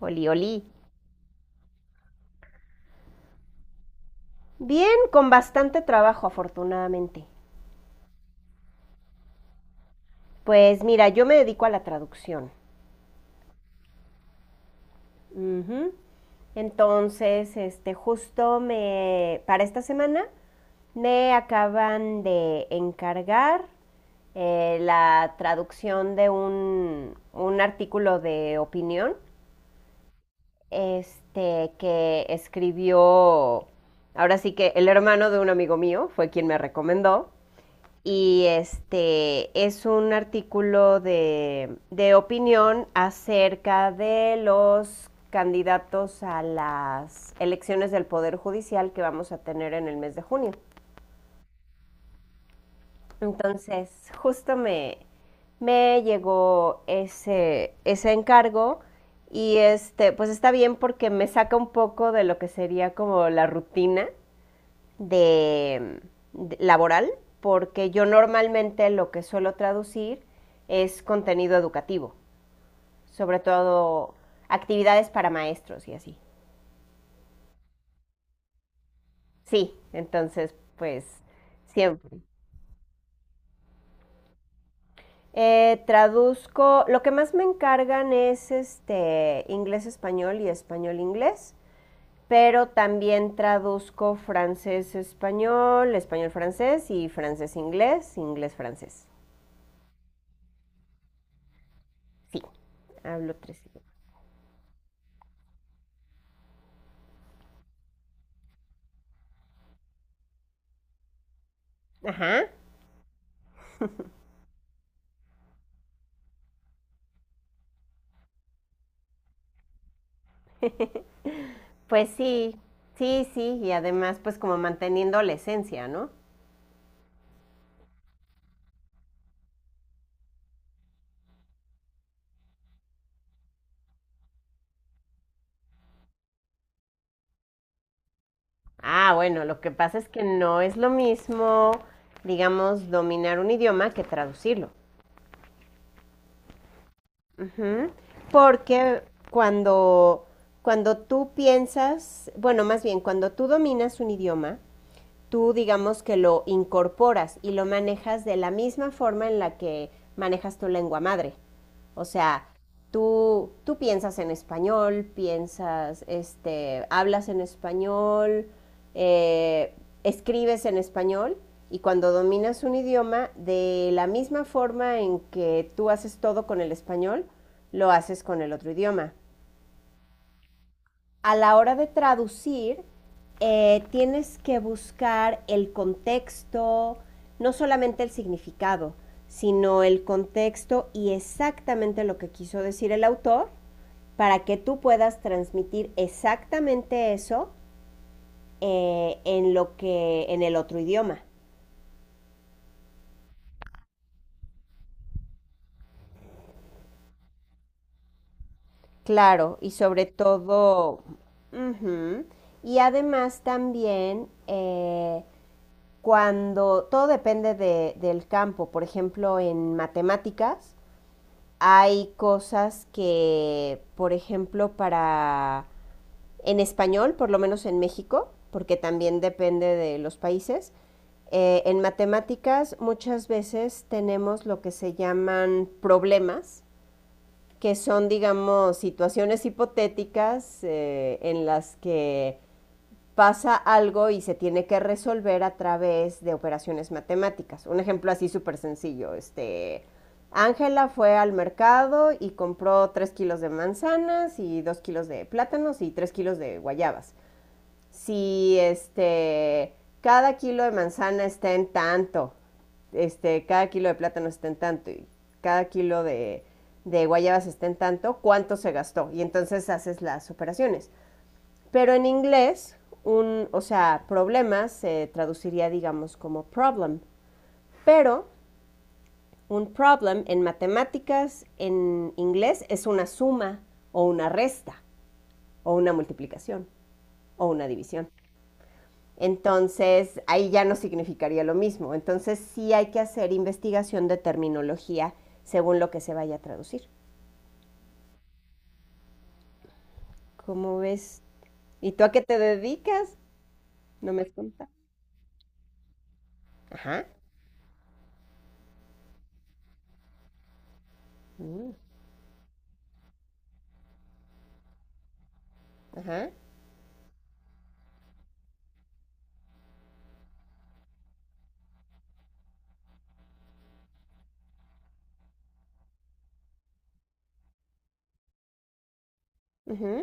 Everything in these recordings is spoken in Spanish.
Oli, oli. Bien, con bastante trabajo, afortunadamente. Pues mira, yo me dedico a la traducción. Ujú. Entonces, este, para esta semana, me acaban de encargar la traducción de un artículo de opinión, este, que escribió, ahora sí que el hermano de un amigo mío fue quien me recomendó, y este es un artículo de opinión acerca de los candidatos a las elecciones del Poder Judicial que vamos a tener en el mes de junio. Entonces, justo me, me llegó ese encargo y este, pues está bien porque me saca un poco de lo que sería como la rutina de, de laboral, porque yo normalmente lo que suelo traducir es contenido educativo, sobre todo actividades para maestros y así. Sí, entonces pues siempre. Traduzco, lo que más me encargan es este inglés-español y español-inglés, pero también traduzco francés-español, español-francés y francés-inglés, inglés-francés. Sí, hablo tres idiomas. Ajá. Pues sí, sí, sí, y además pues como manteniendo la esencia, ¿no? Ah, bueno, lo que pasa es que no es lo mismo, digamos, dominar un idioma que traducirlo. Ujú. Porque cuando, cuando tú piensas, bueno, más bien, cuando tú dominas un idioma, tú digamos que lo incorporas y lo manejas de la misma forma en la que manejas tu lengua madre. O sea, tú piensas en español, piensas, este, hablas en español, eh, escribes en español y cuando dominas un idioma, de la misma forma en que tú haces todo con el español, lo haces con el otro idioma a la hora de traducir. Tienes que buscar el contexto, no solamente el significado, sino el contexto y exactamente lo que quiso decir el autor para que tú puedas transmitir exactamente eso en lo que en el otro idioma. Claro, y sobre todo, ujú, y además también cuando todo depende de, del campo, por ejemplo, en matemáticas hay cosas que, por ejemplo, para en español, por lo menos en México, porque también depende de los países, en matemáticas muchas veces tenemos lo que se llaman problemas, que son, digamos, situaciones hipotéticas en las que pasa algo y se tiene que resolver a través de operaciones matemáticas. Un ejemplo así súper sencillo, este, Ángela fue al mercado y compró 3 kilos de manzanas y 2 kilos de plátanos y 3 kilos de guayabas. Si este, cada kilo de manzana está en tanto, este, cada kilo de plátano está en tanto y cada kilo de guayabas está en tanto, ¿cuánto se gastó? Y entonces haces las operaciones. Pero en inglés, o sea, problemas se traduciría, digamos, como problem. Pero un problem en matemáticas, en inglés, es una suma o una resta o una multiplicación o una división. Entonces, ahí ya no significaría lo mismo. Entonces, sí hay que hacer investigación de terminología según lo que se vaya a traducir. ¿Cómo ves? ¿Y tú a qué te dedicas? No me has contado. Ajá. Mm. Ajá. Uh-huh.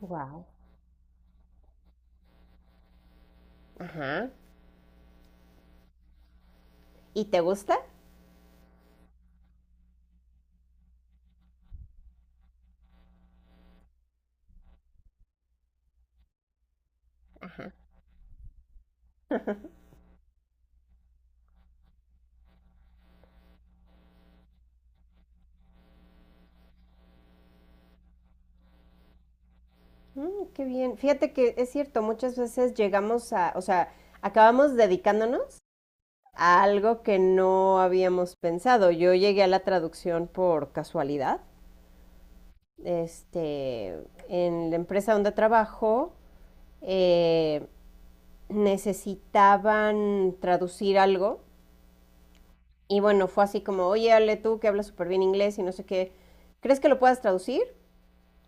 Wow. Ajá. ¿Y te gusta? Mm, qué bien. Fíjate que es cierto, muchas veces llegamos a, o sea, acabamos dedicándonos a algo que no habíamos pensado. Yo llegué a la traducción por casualidad. Este, en la empresa donde trabajo, eh, necesitaban traducir algo. Y bueno, fue así como, oye, Ale, tú que hablas súper bien inglés y no sé qué, ¿crees que lo puedas traducir?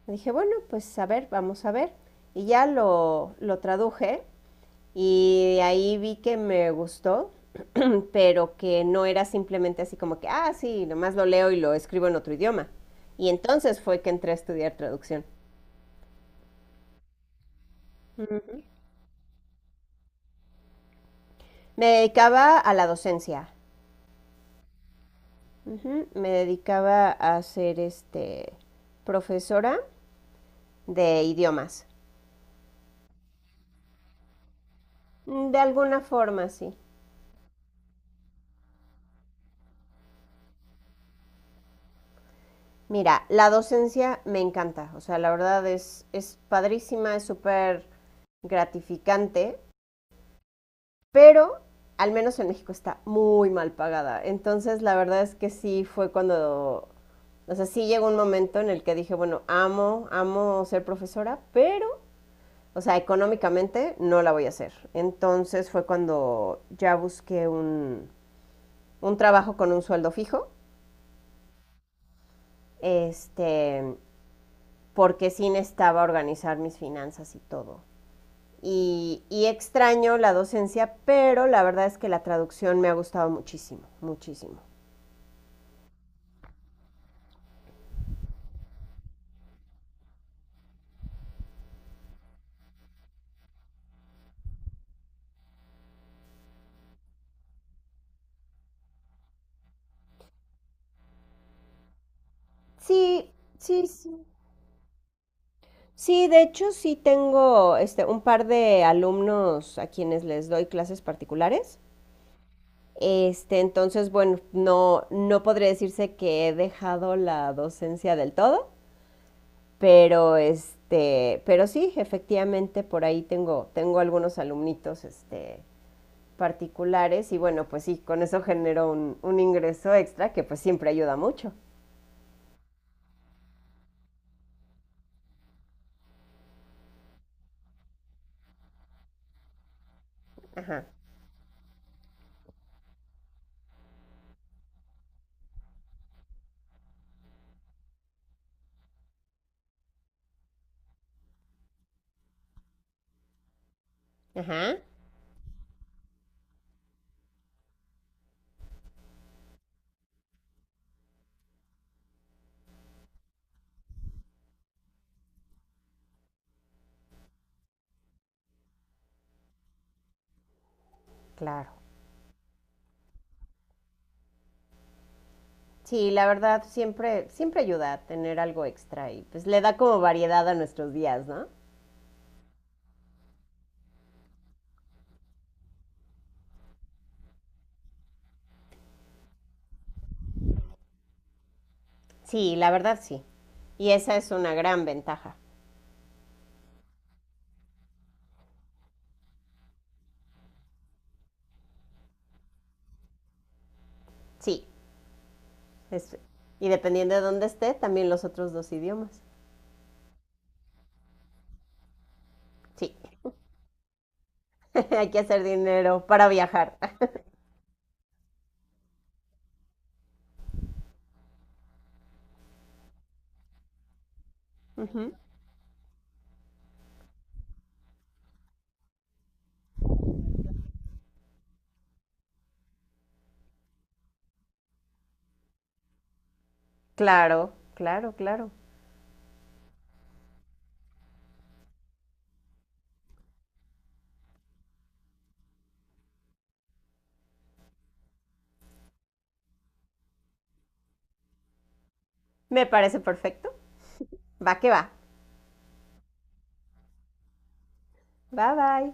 Dije, bueno, pues a ver, vamos a ver. Y ya lo traduje y ahí vi que me gustó, pero que no era simplemente así como que, ah, sí, nomás lo leo y lo escribo en otro idioma. Y entonces fue que entré a estudiar traducción. Ujú. Me dedicaba a la docencia. Ujú. Me dedicaba a ser este profesora de idiomas. Mm, de alguna forma, sí. Mira, la docencia me encanta, o sea, la verdad es padrísima, es súper gratificante, pero al menos en México está muy mal pagada. Entonces, la verdad es que sí fue cuando, o sea, sí llegó un momento en el que dije, bueno, amo, amo ser profesora, pero, o sea, económicamente no la voy a hacer. Entonces fue cuando ya busqué un trabajo con un sueldo fijo, este, porque sí necesitaba organizar mis finanzas y todo. Y, y extraño la docencia, pero la verdad es que la traducción me ha gustado muchísimo, muchísimo. Sí, sí, sí. Sí, de hecho sí tengo este, un par de alumnos a quienes les doy clases particulares. Este, entonces, bueno, no, no podría decirse que he dejado la docencia del todo, pero este, pero sí, efectivamente por ahí tengo, tengo algunos alumnitos, este, particulares y bueno, pues sí, con eso generó un ingreso extra que pues siempre ayuda mucho. Ajá, ajá. Claro. Sí, la verdad, siempre, siempre ayuda a tener algo extra y pues le da como variedad a nuestros días, ¿no? Sí, la verdad sí. Y esa es una gran ventaja. Sí, Es- y dependiendo de dónde esté, también los otros dos idiomas. Sí. Hay que hacer dinero para viajar. Ujú. Claro, claro, claro. Me parece perfecto. Va que va. Bye bye.